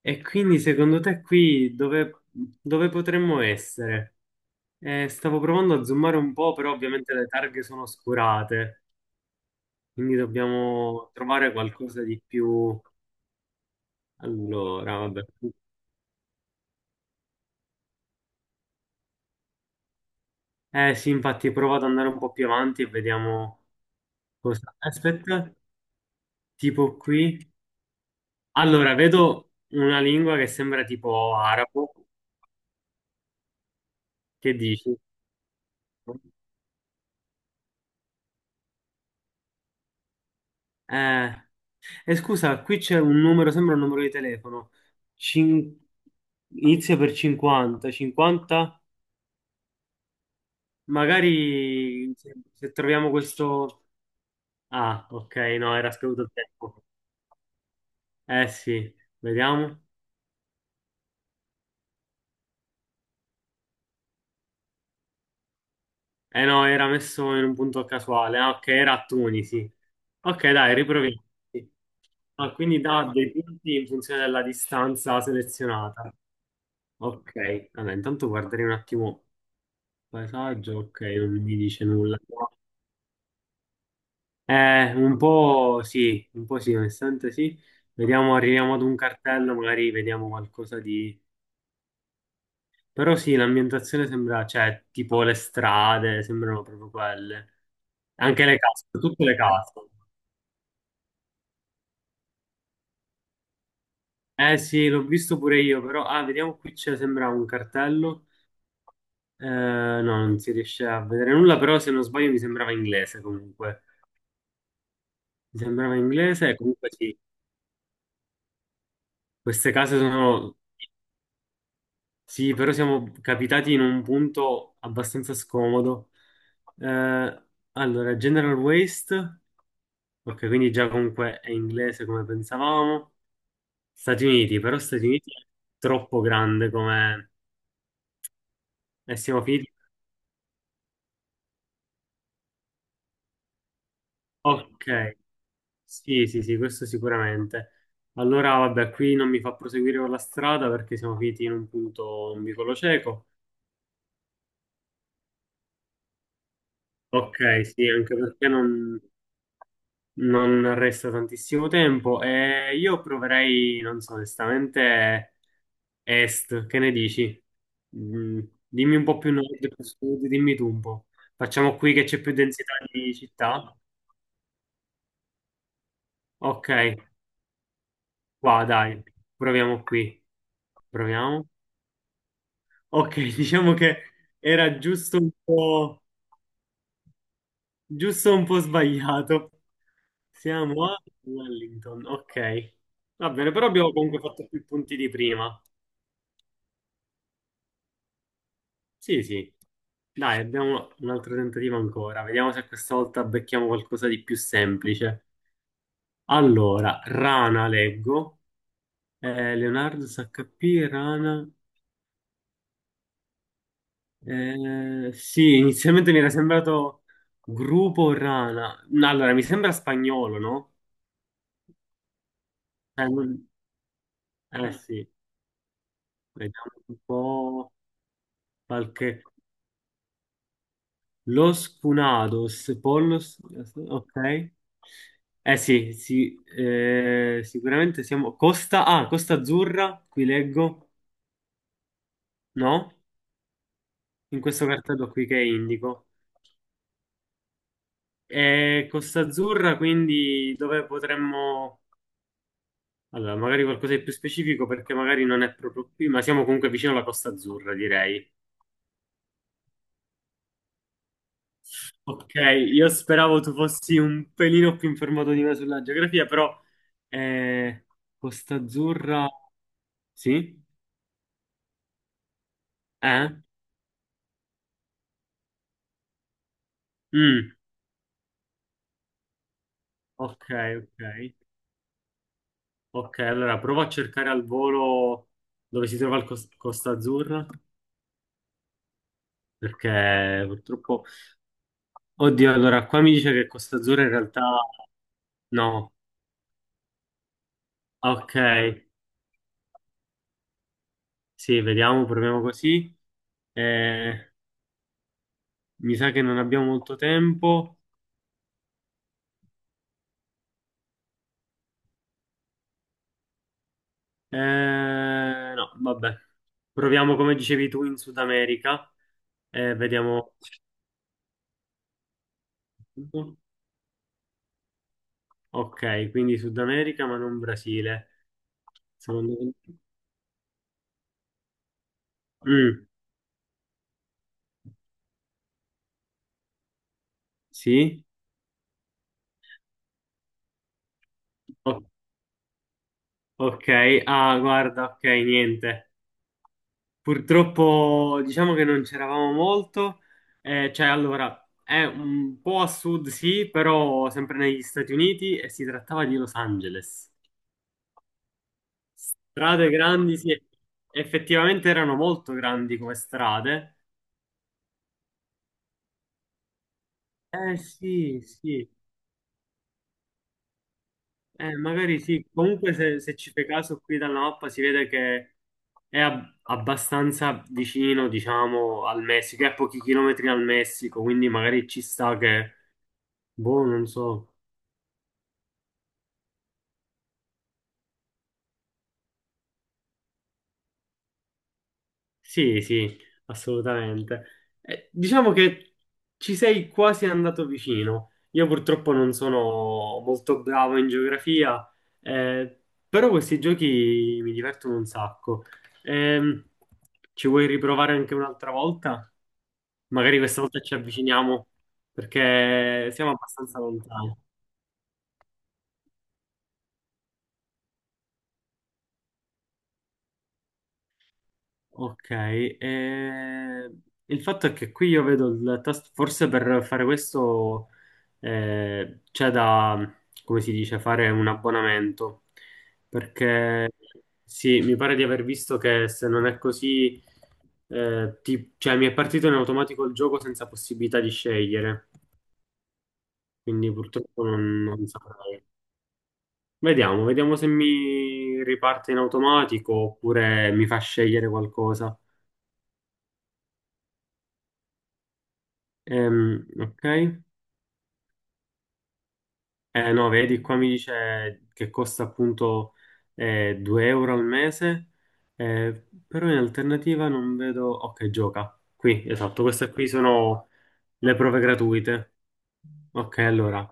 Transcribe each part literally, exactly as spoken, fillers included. E quindi secondo te qui dove, dove potremmo essere? Eh, stavo provando a zoomare un po', però ovviamente le targhe sono oscurate, quindi dobbiamo trovare qualcosa di più. Allora, vabbè. Eh sì, infatti provo ad andare un po' più avanti e vediamo cosa. Aspetta, tipo qui. Allora, vedo una lingua che sembra tipo arabo. Che dici? Eh, E scusa, qui c'è un numero, sembra un numero di telefono. Cin- Inizia per cinquanta, cinquanta. Magari se, se troviamo questo... Ah, ok, no, era scaduto il tempo. Eh sì, vediamo. Eh no, era messo in un punto casuale. Ah, ok, era a Tunisi. Ok, dai, riproviamo. Sì. Ah, quindi dà dei punti in funzione della distanza selezionata. Ok, allora intanto guarderei un attimo il paesaggio. Ok, non mi dice nulla. Eh, un po' sì, un po' sì, onestamente sì. Vediamo, arriviamo ad un cartello, magari vediamo qualcosa di... Però sì, l'ambientazione sembra, cioè, tipo le strade, sembrano proprio quelle. Anche le case, tutte le case. Eh sì, l'ho visto pure io, però... Ah, vediamo qui c'è, sembra un cartello. Eh, no, non si riesce a vedere nulla, però se non sbaglio mi sembrava inglese comunque. Mi sembrava inglese e comunque sì, queste case sono Sì, però siamo capitati in un punto abbastanza scomodo. Eh, allora, General Waste, ok, quindi già comunque è inglese come pensavamo. Stati Uniti, però Stati Uniti è troppo grande come... E siamo finiti... Ok, sì, sì, sì, questo sicuramente. Allora, vabbè, qui non mi fa proseguire con la strada perché siamo finiti in un punto un vicolo cieco. Ok, sì, anche perché non... Non resta tantissimo tempo e io proverei, non so, onestamente, est, che ne dici? Mm, Dimmi un po' più nord, più sud, dimmi tu un po'. Facciamo qui che c'è più densità di città? Ok, qua dai, proviamo qui. Proviamo. Ok, diciamo che era giusto un po', giusto un po' sbagliato. Siamo a Wellington, ok. Va bene, però abbiamo comunque fatto più punti di prima. Sì, sì. Dai, abbiamo un altro tentativo ancora. Vediamo se questa volta becchiamo qualcosa di più semplice. Allora, Rana leggo. Eh, Leonardo S H P, Rana. Eh, sì, inizialmente mi era sembrato gruppo Rana. No, allora, mi sembra spagnolo, no? Eh, non- eh, sì, vediamo un po' qualche... Los Funados, Pollos, ok. Eh sì, sì, eh, sicuramente siamo... Costa, ah, Costa Azzurra, qui leggo, no? In questo cartello qui che indico. E Costa Azzurra, quindi dove potremmo... Allora, magari qualcosa di più specifico perché magari non è proprio qui, ma siamo comunque vicino alla Costa Azzurra, direi. Ok, io speravo tu fossi un pelino più informato di me sulla geografia, però eh, Costa Azzurra... Sì? Eh? Mm. Ok, ok. Ok, allora provo a cercare al volo dove si trova il Cos- Costa Azzurra, perché purtroppo... Oddio, allora qua mi dice che Costa Azzurra in realtà... No. Ok, sì, vediamo, proviamo così. Eh, Mi sa che non abbiamo molto tempo. Eh, no, vabbè. Proviamo come dicevi tu in Sud America. Eh, vediamo. Ok, quindi Sud America ma non Brasile. Sono andato- Mm, sì? O- ok, ah, guarda, ok, niente. Purtroppo diciamo che non c'eravamo molto. Eh, cioè, allora, è un po' a sud, sì, però sempre negli Stati Uniti e si trattava di Los Angeles. Strade grandi, sì, effettivamente erano molto grandi come strade. Eh sì, sì. Eh, magari sì, comunque se, se ci fai caso qui dalla mappa si vede che è ab- abbastanza vicino, diciamo, al Messico, è a pochi chilometri dal Messico, quindi magari ci sta che, boh, non so. Sì, sì, assolutamente. Eh, diciamo che ci sei quasi andato vicino. Io purtroppo non sono molto bravo in geografia, eh, però questi giochi mi divertono un sacco. Ehm, Ci vuoi riprovare anche un'altra volta? Magari questa volta ci avviciniamo, perché siamo abbastanza lontani. Ok, eh, il fatto è che qui io vedo il tasto, forse per fare questo eh, c'è da, come si dice, fare un abbonamento, perché sì, mi pare di aver visto che se non è così, eh, ti- cioè mi è partito in automatico il gioco senza possibilità di scegliere, quindi purtroppo non, non saprei. Vediamo, vediamo se mi riparte in automatico oppure mi fa scegliere qualcosa. Ehm, ok. Eh, no, vedi, qua mi dice che costa appunto eh, due euro al mese, eh, però in alternativa non vedo... Ok, gioca. Qui, esatto, queste qui sono le prove gratuite. Ok, allora,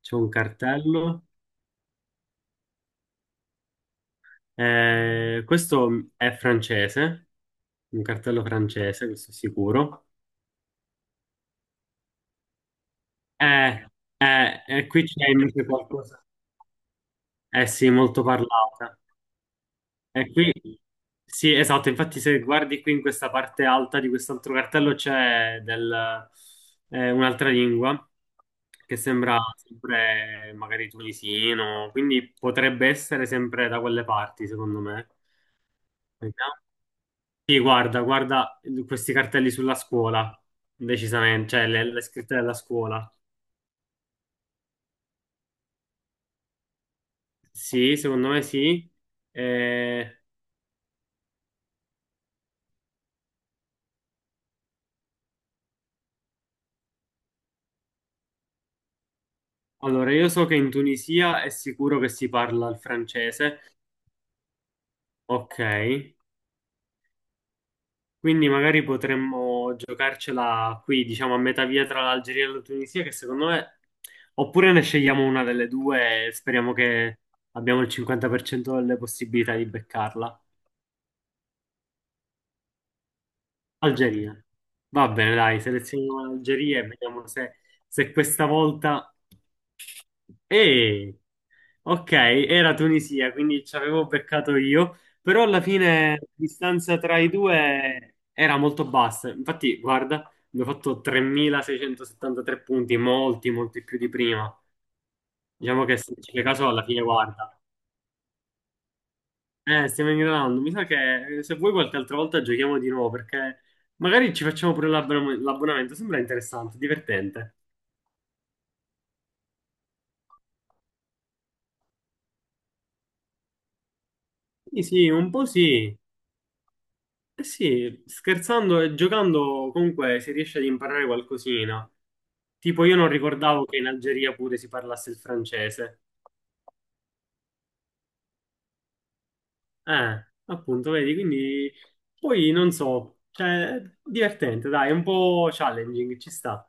c'è un cartello. Eh, questo è francese, un cartello francese, questo è sicuro. Eh, eh, e qui c'è invece qualcosa. Eh sì, molto parlata. E qui, sì, esatto, infatti se guardi qui in questa parte alta di quest'altro cartello c'è del- eh, un'altra lingua che sembra sempre magari tunisino, quindi potrebbe essere sempre da quelle parti, secondo me. Vediamo. Sì, guarda, guarda questi cartelli sulla scuola, decisamente, cioè le, le scritte della scuola. Sì, secondo me sì. Eh, allora, io so che in Tunisia è sicuro che si parla il francese, ok. Quindi magari potremmo giocarcela qui, diciamo a metà via tra l'Algeria e la Tunisia, che secondo me, oppure ne scegliamo una delle due e speriamo che abbiamo il cinquanta per cento delle possibilità di beccarla. Algeria. Va bene, dai, selezioniamo l'Algeria e vediamo se, se, questa volta... Eh, ok, era Tunisia, quindi ci avevo beccato io, però alla fine la distanza tra i due era molto bassa. Infatti, guarda, abbiamo fatto tremilaseicentosettantatré punti, molti, molti più di prima. Diciamo che se ci fai caso alla fine, guarda, eh, stiamo ingranando. Mi sa che eh, se vuoi qualche altra volta giochiamo di nuovo perché magari ci facciamo pure l'abbon- l'abbonamento. Sembra interessante, divertente. Sì, sì, un po' sì. Eh sì, scherzando e giocando comunque si riesce ad imparare qualcosina. Tipo io non ricordavo che in Algeria pure si parlasse il francese. Eh, appunto, vedi, quindi poi non so, cioè divertente, dai, è un po' challenging, ci sta.